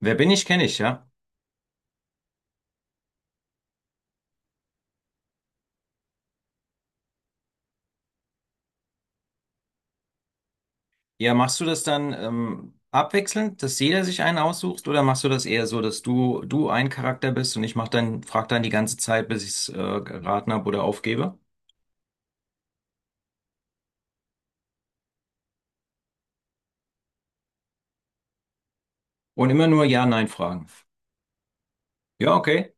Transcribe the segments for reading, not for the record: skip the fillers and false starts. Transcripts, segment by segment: Wer bin ich, kenne ich, ja. Ja, machst du das dann abwechselnd, dass jeder sich einen aussucht, oder machst du das eher so, dass du ein Charakter bist und ich mach dann frag dann die ganze Zeit, bis ich's geraten habe oder aufgebe? Und immer nur Ja-Nein fragen. Ja, okay,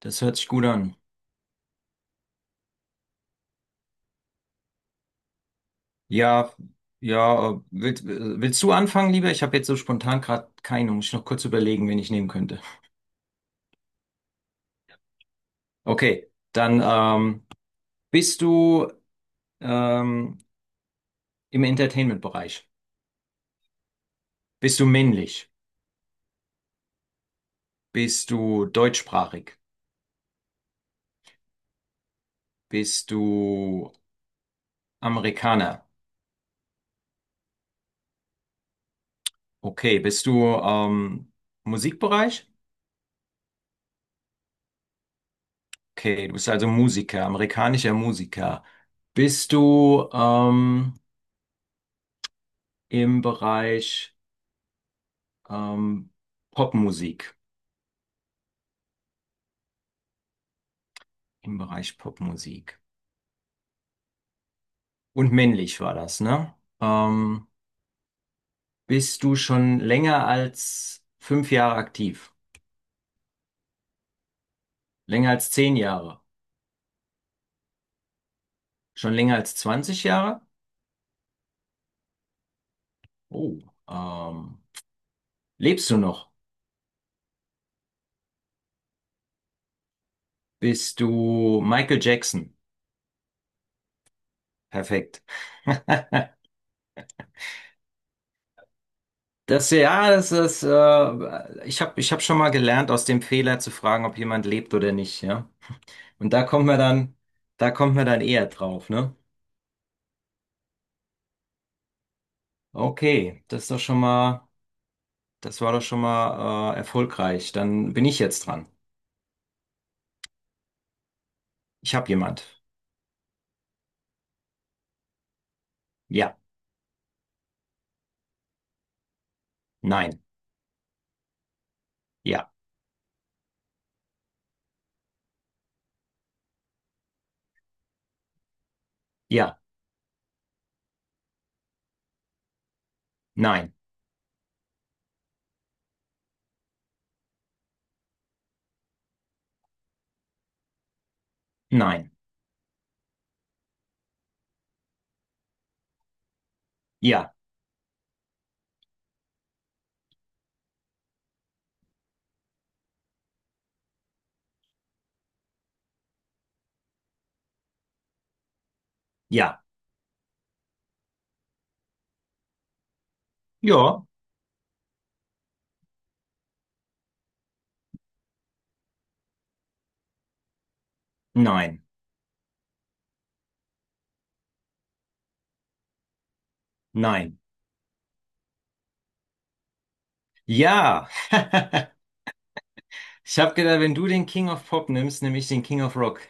das hört sich gut an. Ja, ja, willst du anfangen, lieber? Ich habe jetzt so spontan gerade keinen. Muss ich noch kurz überlegen, wen ich nehmen könnte. Okay, dann bist du ähm, im Entertainment-Bereich. Bist du männlich? Bist du deutschsprachig? Bist du Amerikaner? Okay. Bist du Musikbereich? Okay, du bist also Musiker, amerikanischer Musiker. Bist du im Bereich ähm, Popmusik? Im Bereich Popmusik. Und männlich war das, ne? Ähm, Bist du schon länger als 5 Jahre aktiv? Länger als 10 Jahre? Schon länger als 20 Jahre? Oh, ähm, lebst du noch? Bist du Michael Jackson? Perfekt. Das, ja, das ist, ich hab schon mal gelernt, aus dem Fehler zu fragen, ob jemand lebt oder nicht, ja. Und da kommt man dann eher drauf, ne? Okay, das war doch schon mal, erfolgreich. Dann bin ich jetzt dran. Ich habe jemand. Ja, nein, ja, ja, nein, nein, ja, ja, ja, nein, nein, ja. Ich habe gedacht, wenn du den King of Pop nimmst, nehme ich den King of Rock.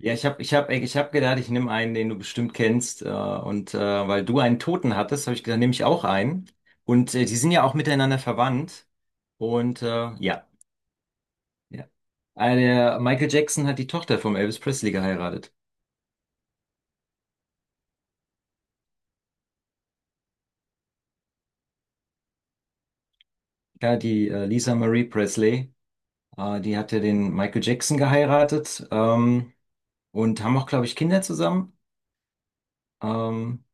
Ja, ich hab gedacht, ich nehme einen, den du bestimmt kennst. Weil du einen Toten hattest, habe ich gedacht, nehme ich auch einen. Und die sind ja auch miteinander verwandt. Und ja, ja. Der Michael Jackson hat die Tochter vom Elvis Presley geheiratet. Ja, die Lisa Marie Presley. Die hatte den Michael Jackson geheiratet, und haben auch, glaube ich, Kinder zusammen. Ähm,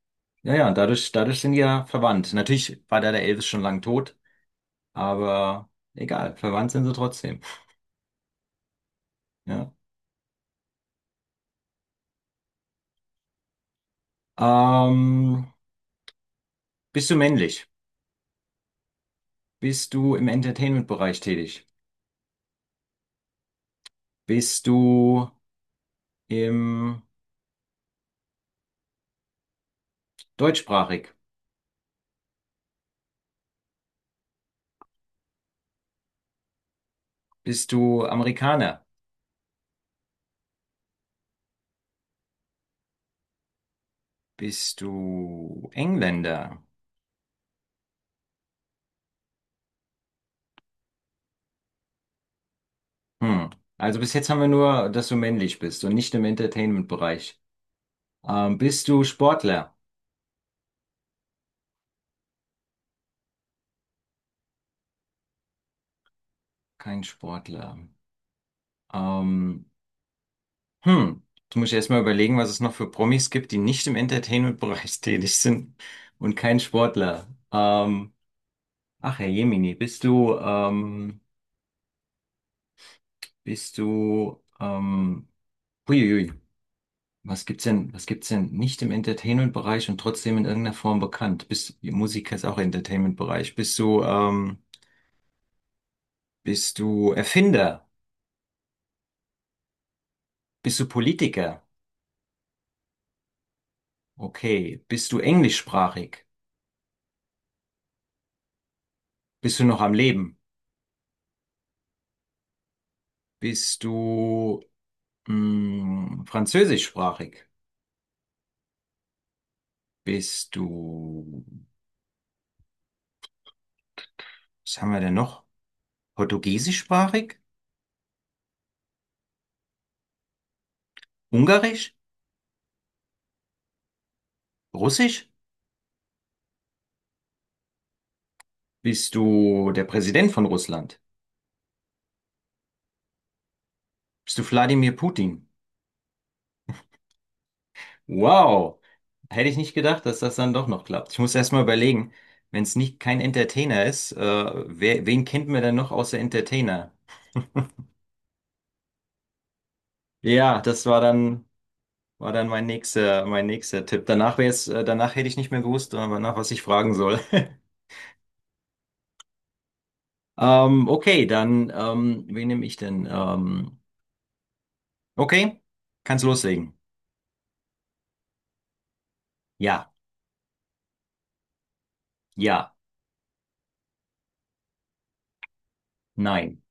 Ja, ja, dadurch sind die ja verwandt. Natürlich war da der Elvis schon lang tot, aber egal, verwandt sind sie trotzdem. Ja. Ähm, Bist du männlich? Bist du im Entertainment-Bereich tätig? Bist du im deutschsprachig? Bist du Amerikaner? Bist du Engländer? Hm. Also bis jetzt haben wir nur, dass du männlich bist und nicht im Entertainment-Bereich. Bist du Sportler? Kein Sportler. Ähm, Hm, du musst erst mal überlegen, was es noch für Promis gibt, die nicht im Entertainment-Bereich tätig sind und kein Sportler. Ach, Herr Jemini, bist du, ähm, huiuiui, was gibt's denn nicht im Entertainment-Bereich und trotzdem in irgendeiner Form bekannt? Bist, Musiker ist auch Entertainment-Bereich. Bist du Erfinder? Bist du Politiker? Okay. Bist du englischsprachig? Bist du noch am Leben? Bist du, französischsprachig? Bist du, was haben wir denn noch? Portugiesischsprachig? Ungarisch? Russisch? Bist du der Präsident von Russland? Bist du Wladimir Putin? Wow! Hätte ich nicht gedacht, dass das dann doch noch klappt. Ich muss erst mal überlegen, wenn es nicht kein Entertainer ist, wen kennt man denn noch außer Entertainer? Ja, das war dann war dann mein nächster Tipp. Danach wäre es, danach hätte ich nicht mehr gewusst, nach was ich fragen soll. Okay, dann, wen nehme ich denn? Okay, kannst loslegen. Ja, ja, nein.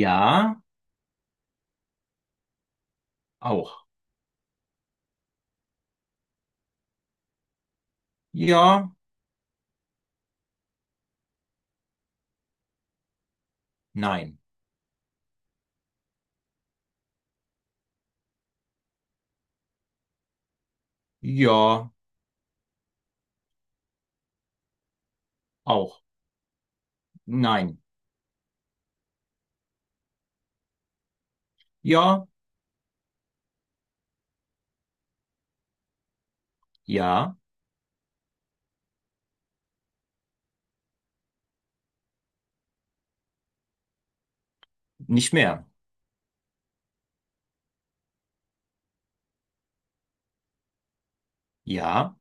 Ja, auch. Ja, nein. Ja, auch. Nein. Ja, ja, nicht mehr. Ja,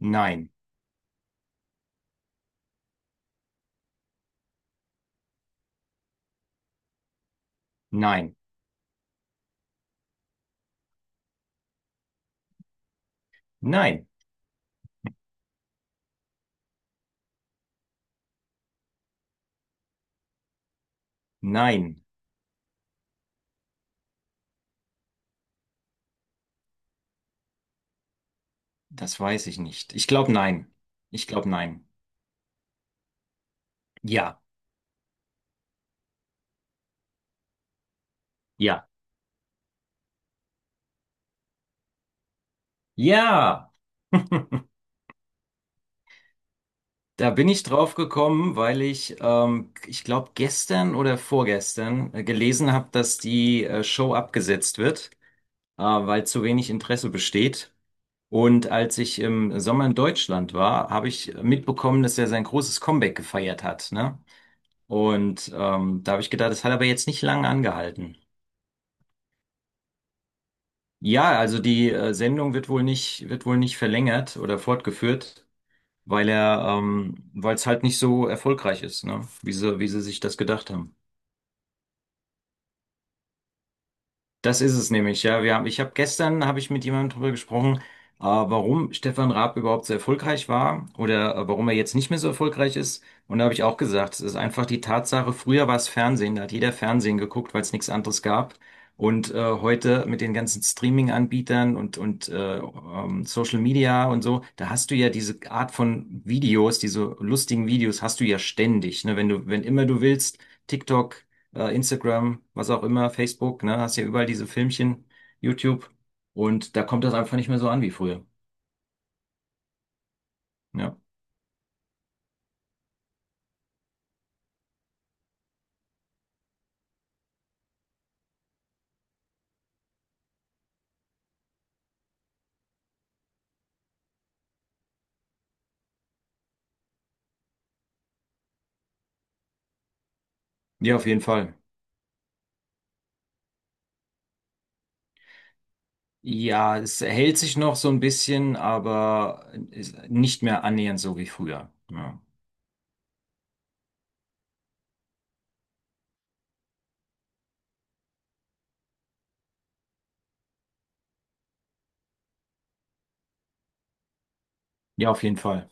nein, nein, nein, nein. Das weiß ich nicht. Ich glaube nein. Ich glaube nein. Ja. Ja. Ja, da bin ich drauf gekommen, weil ich, ich glaube, gestern oder vorgestern gelesen habe, dass die Show abgesetzt wird, weil zu wenig Interesse besteht. Und als ich im Sommer in Deutschland war, habe ich mitbekommen, dass er sein großes Comeback gefeiert hat, ne? Und da habe ich gedacht, das hat aber jetzt nicht lange angehalten. Ja, also die Sendung wird wohl nicht verlängert oder fortgeführt. Weil er, weil es halt nicht so erfolgreich ist, ne? Wie sie sich das gedacht haben. Das ist es nämlich, ja. Ich habe gestern habe ich mit jemandem darüber gesprochen, warum Stefan Raab überhaupt so erfolgreich war oder warum er jetzt nicht mehr so erfolgreich ist. Und da habe ich auch gesagt, es ist einfach die Tatsache, früher war es Fernsehen, da hat jeder Fernsehen geguckt, weil es nichts anderes gab. Und heute mit den ganzen Streaming-Anbietern und Social Media und so, da hast du ja diese Art von Videos, diese lustigen Videos hast du ja ständig, ne? Wenn immer du willst, TikTok, Instagram, was auch immer, Facebook, ne, hast ja überall diese Filmchen, YouTube. Und da kommt das einfach nicht mehr so an wie früher. Ja, ja, auf jeden Fall. Ja, es hält sich noch so ein bisschen, aber ist nicht mehr annähernd so wie früher. Ja, ja, auf jeden Fall.